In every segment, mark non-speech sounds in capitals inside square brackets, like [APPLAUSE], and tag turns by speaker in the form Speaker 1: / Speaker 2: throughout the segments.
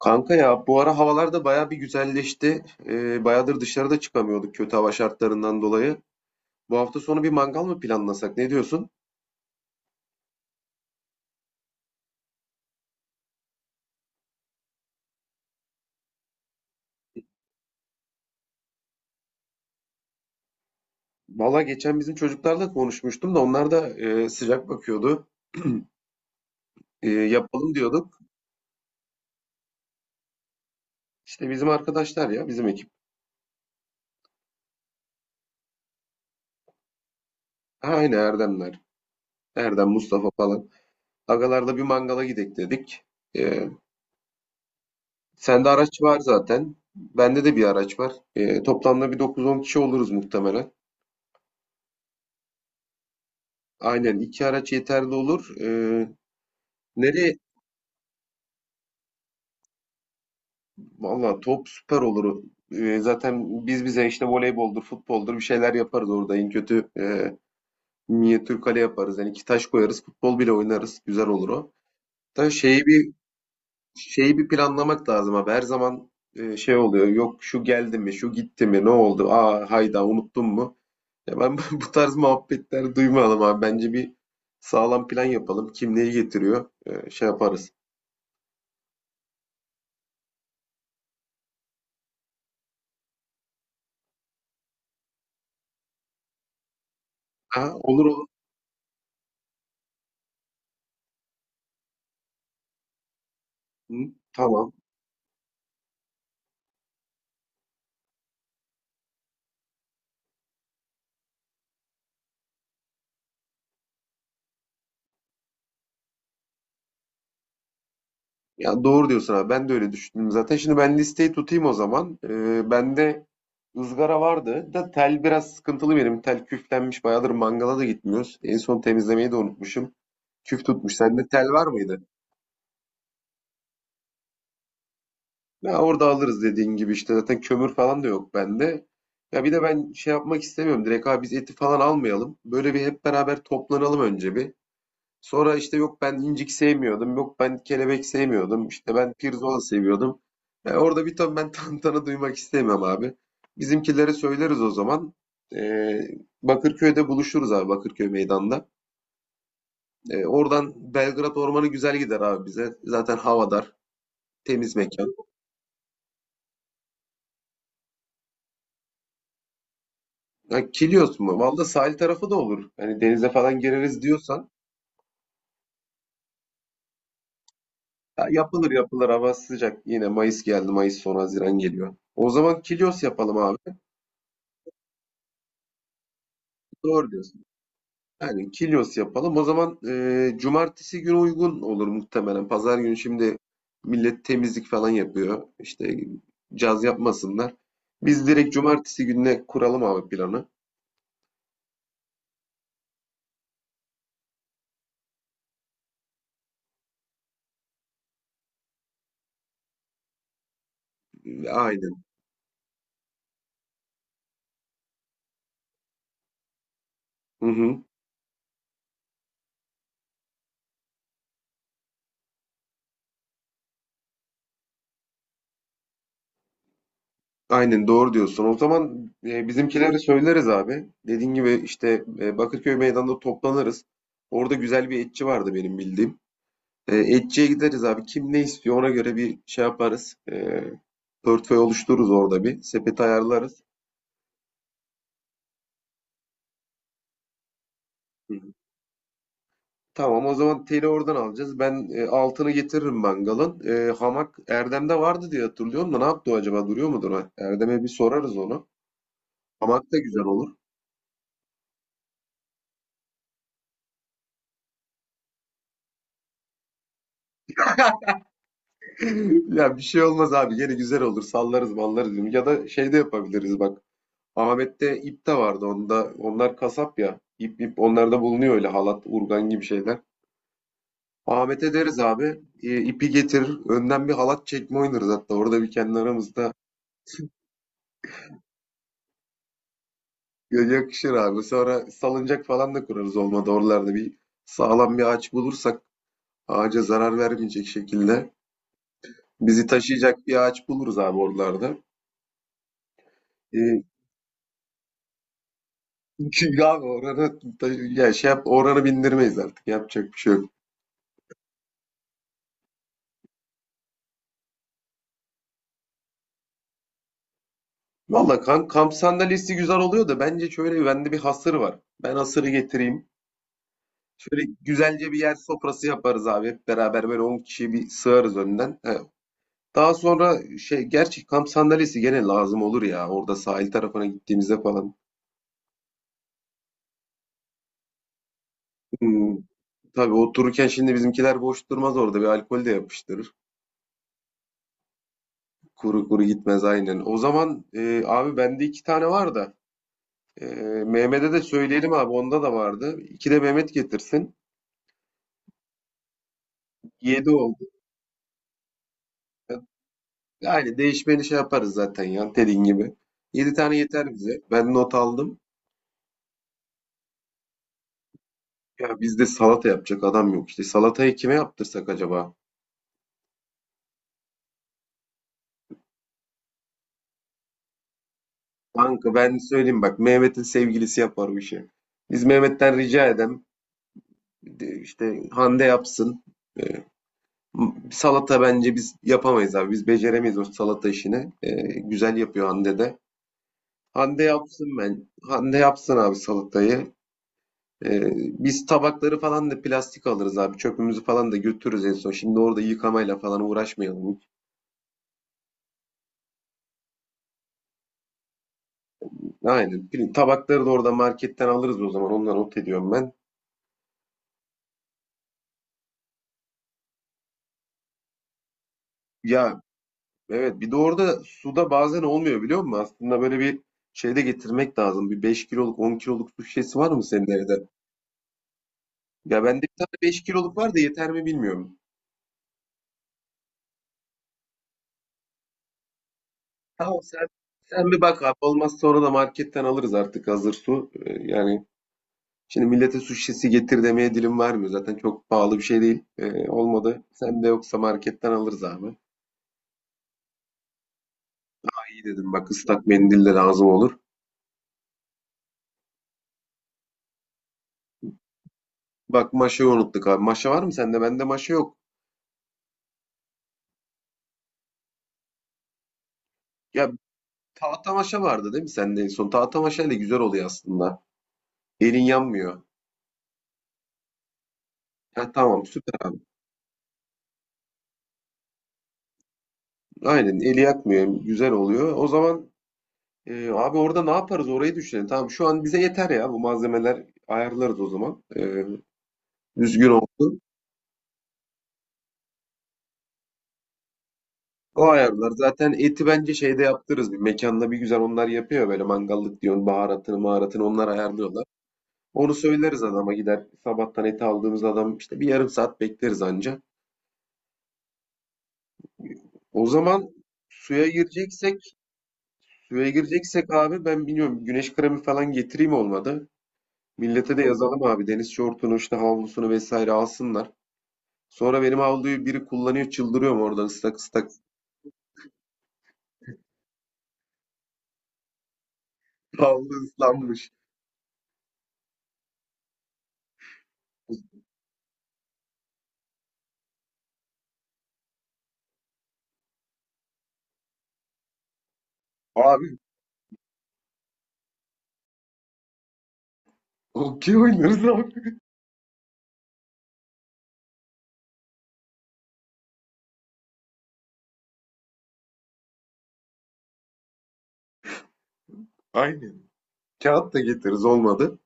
Speaker 1: Kanka ya bu ara havalar da baya bir güzelleşti. Bayağıdır dışarıda çıkamıyorduk kötü hava şartlarından dolayı. Bu hafta sonu bir mangal mı planlasak? Ne diyorsun? Valla geçen bizim çocuklarla konuşmuştum da onlar da sıcak bakıyordu. [CLEARS THROAT] Yapalım diyorduk. İşte bizim arkadaşlar ya bizim ekip. Ha, aynı Erdemler. Erdem, Mustafa falan. Agalarla bir mangala gidek dedik. E, sende araç var zaten. Bende de bir araç var. Toplamda bir dokuz on kişi oluruz muhtemelen. Aynen iki araç yeterli olur. Nereye? Valla top süper olur. Zaten biz bize işte voleyboldur, futboldur bir şeyler yaparız orada. En kötü minyatür kale yaparız. Yani iki taş koyarız, futbol bile oynarız. Güzel olur o. Da şeyi bir şeyi bir planlamak lazım abi. Her zaman şey oluyor. Yok şu geldi mi, şu gitti mi, ne oldu? Aa hayda unuttun mu? Ya ben [LAUGHS] bu tarz muhabbetler duymayalım abi. Bence bir sağlam plan yapalım. Kim neyi getiriyor? Şey yaparız. Ha, olur olur. Hı, tamam. Ya doğru diyorsun abi. Ben de öyle düşündüm zaten. Şimdi ben listeyi tutayım o zaman. Bende ızgara vardı da tel biraz sıkıntılı benim. Tel küflenmiş. Bayağıdır mangala da gitmiyoruz. En son temizlemeyi de unutmuşum. Küf tutmuş. Sende tel var mıydı? Ya orada alırız dediğin gibi işte. Zaten kömür falan da yok bende. Ya bir de ben şey yapmak istemiyorum. Direkt abi biz eti falan almayalım. Böyle bir hep beraber toplanalım önce bir. Sonra işte yok ben incik sevmiyordum, yok ben kelebek sevmiyordum, işte ben pirzola seviyordum. Orada bir ton ben [LAUGHS] tantana duymak istemem abi. Bizimkilere söyleriz o zaman. E, Bakırköy'de buluşuruz abi, Bakırköy meydanda. Oradan Belgrad Ormanı güzel gider abi bize. Zaten havadar, temiz mekan. Ha, Kilyos mu? Valla sahil tarafı da olur. Hani denize falan gireriz diyorsan. Ya yapılır yapılır, hava sıcak. Yine Mayıs geldi, Mayıs sonu Haziran geliyor. O zaman Kilyos yapalım abi. Doğru diyorsun. Yani Kilyos yapalım. O zaman cumartesi günü uygun olur muhtemelen. Pazar günü şimdi millet temizlik falan yapıyor. İşte caz yapmasınlar. Biz direkt cumartesi gününe kuralım abi planı. Aynen. Hı hı. Aynen doğru diyorsun. O zaman bizimkileri söyleriz abi. Dediğin gibi işte Bakırköy Meydan'da toplanırız. Orada güzel bir etçi vardı benim bildiğim. Etçiye gideriz abi. Kim ne istiyor ona göre bir şey yaparız. Portföy oluştururuz orada bir. Sepet ayarlarız. Hı hı. Tamam, o zaman teli oradan alacağız. Ben altını getiririm mangalın. Hamak Erdem'de vardı diye hatırlıyorum da ne yaptı o acaba? Duruyor mudur? Ha? Erdem'e bir sorarız onu. Hamak da güzel olur. [LAUGHS] Ya bir şey olmaz abi. Yine güzel olur. Sallarız mallarız. Ya da şey de yapabiliriz bak. Ahmet'te ip de vardı. Onda, onlar kasap ya. İp onlarda bulunuyor, öyle halat, urgan gibi şeyler. Ahmet'e deriz abi. E, ipi getir. Önden bir halat çekme oynarız hatta. Orada bir kendi aramızda. Ya, yakışır abi. Sonra salıncak falan da kurarız olmadı. Oralarda bir sağlam bir ağaç bulursak, ağaca zarar vermeyecek şekilde bizi taşıyacak bir ağaç buluruz abi oralarda. Ee, Çünkü abi ya şey yap, oranı bindirmeyiz artık. Yapacak bir şey yok. Valla kamp sandalyesi güzel oluyor da, bence şöyle, bende bir hasır var. Ben hasırı getireyim. Şöyle güzelce bir yer sofrası yaparız abi. Hep beraber böyle 10 kişiyi bir sığarız önden. Daha sonra şey, gerçi kamp sandalyesi gene lazım olur ya, orada sahil tarafına gittiğimizde falan. Hmm, tabii otururken şimdi bizimkiler boş durmaz, orada bir alkol de yapıştırır. Kuru kuru gitmez, aynen. O zaman abi bende iki tane var da, e, Mehmet'e de söyleyelim abi, onda da vardı. İki de Mehmet getirsin. Yedi oldu. Yani değişmeni şey yaparız zaten ya, dediğin gibi. Yedi tane yeter bize. Ben not aldım. Ya bizde salata yapacak adam yok işte. Salatayı kime yaptırsak acaba? Kanka ben söyleyeyim bak, Mehmet'in sevgilisi yapar bu işi. Biz Mehmet'ten rica işte Hande yapsın. Ee, salata bence biz yapamayız abi. Biz beceremeyiz o salata işini. Güzel yapıyor Hande de. Hande yapsın ben. Hande yapsın abi salatayı. Biz tabakları falan da plastik alırız abi. Çöpümüzü falan da götürürüz en son. Şimdi orada yıkamayla falan uğraşmayalım. Aynen. Tabakları da orada marketten alırız o zaman. Onları not ediyorum ben. Ya, evet, bir de orada suda bazen olmuyor biliyor musun? Aslında böyle bir şey de getirmek lazım. Bir 5 kiloluk, 10 kiloluk su şişesi var mı senin evde? Ya bende bir tane 5 kiloluk var da yeter mi bilmiyorum. Tamam, sen bir bak abi, olmaz sonra da marketten alırız artık hazır su. Yani şimdi millete su şişesi getir demeye dilim varmıyor. Zaten çok pahalı bir şey değil. Olmadı. Sen de yoksa marketten alırız abi. İyi dedim bak, ıslak mendille lazım olur. Bak, maşayı unuttuk abi. Maşa var mı sende? Bende maşa yok. Ya, tahtamaşa vardı değil mi sende en son? Tahtamaşa ile güzel oluyor aslında. Elin yanmıyor. Ha, tamam, süper abi. Aynen, eli yakmıyor. Güzel oluyor. O zaman abi orada ne yaparız, orayı düşünelim. Tamam, şu an bize yeter ya, bu malzemeler, ayarlarız o zaman. Düzgün olsun. O ayarlar. Zaten eti bence şeyde yaptırırız. Bir mekanda bir güzel onlar yapıyor, böyle mangallık diyor, baharatını maharatını onlar ayarlıyorlar. Onu söyleriz adama, gider sabahtan eti aldığımız adam işte, bir yarım saat bekleriz anca. O zaman suya gireceksek Suya gireceksek abi, ben biliyorum güneş kremi falan getireyim olmadı. Millete de yazalım abi deniz şortunu işte havlusunu vesaire alsınlar. Sonra benim havluyu biri kullanıyor, çıldırıyorum oradan, ıslak ıslak. [LAUGHS] Havlu ıslanmış. Abi okey oynarız abi. Aynen. Kağıt da getiririz olmadı.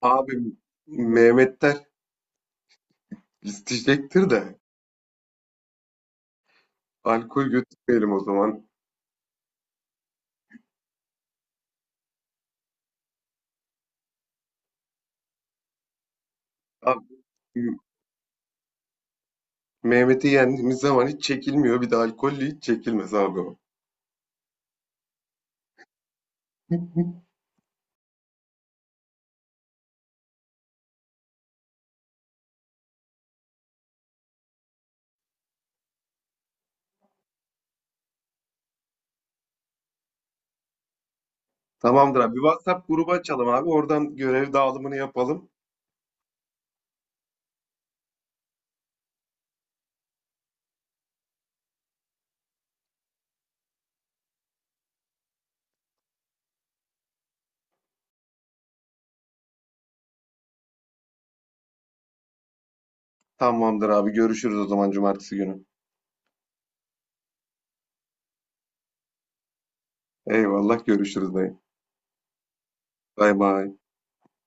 Speaker 1: Abi Mehmetler isteyecektir de, alkol götürmeyelim o zaman. Abi Mehmet'i yendiğimiz zaman hiç çekilmiyor. Bir de alkollü hiç çekilmez abi o. [LAUGHS] Tamamdır abi. Bir WhatsApp grubu açalım abi. Oradan görev dağılımını yapalım. Tamamdır abi. Görüşürüz o zaman cumartesi günü. Eyvallah, görüşürüz dayı. Bay bay.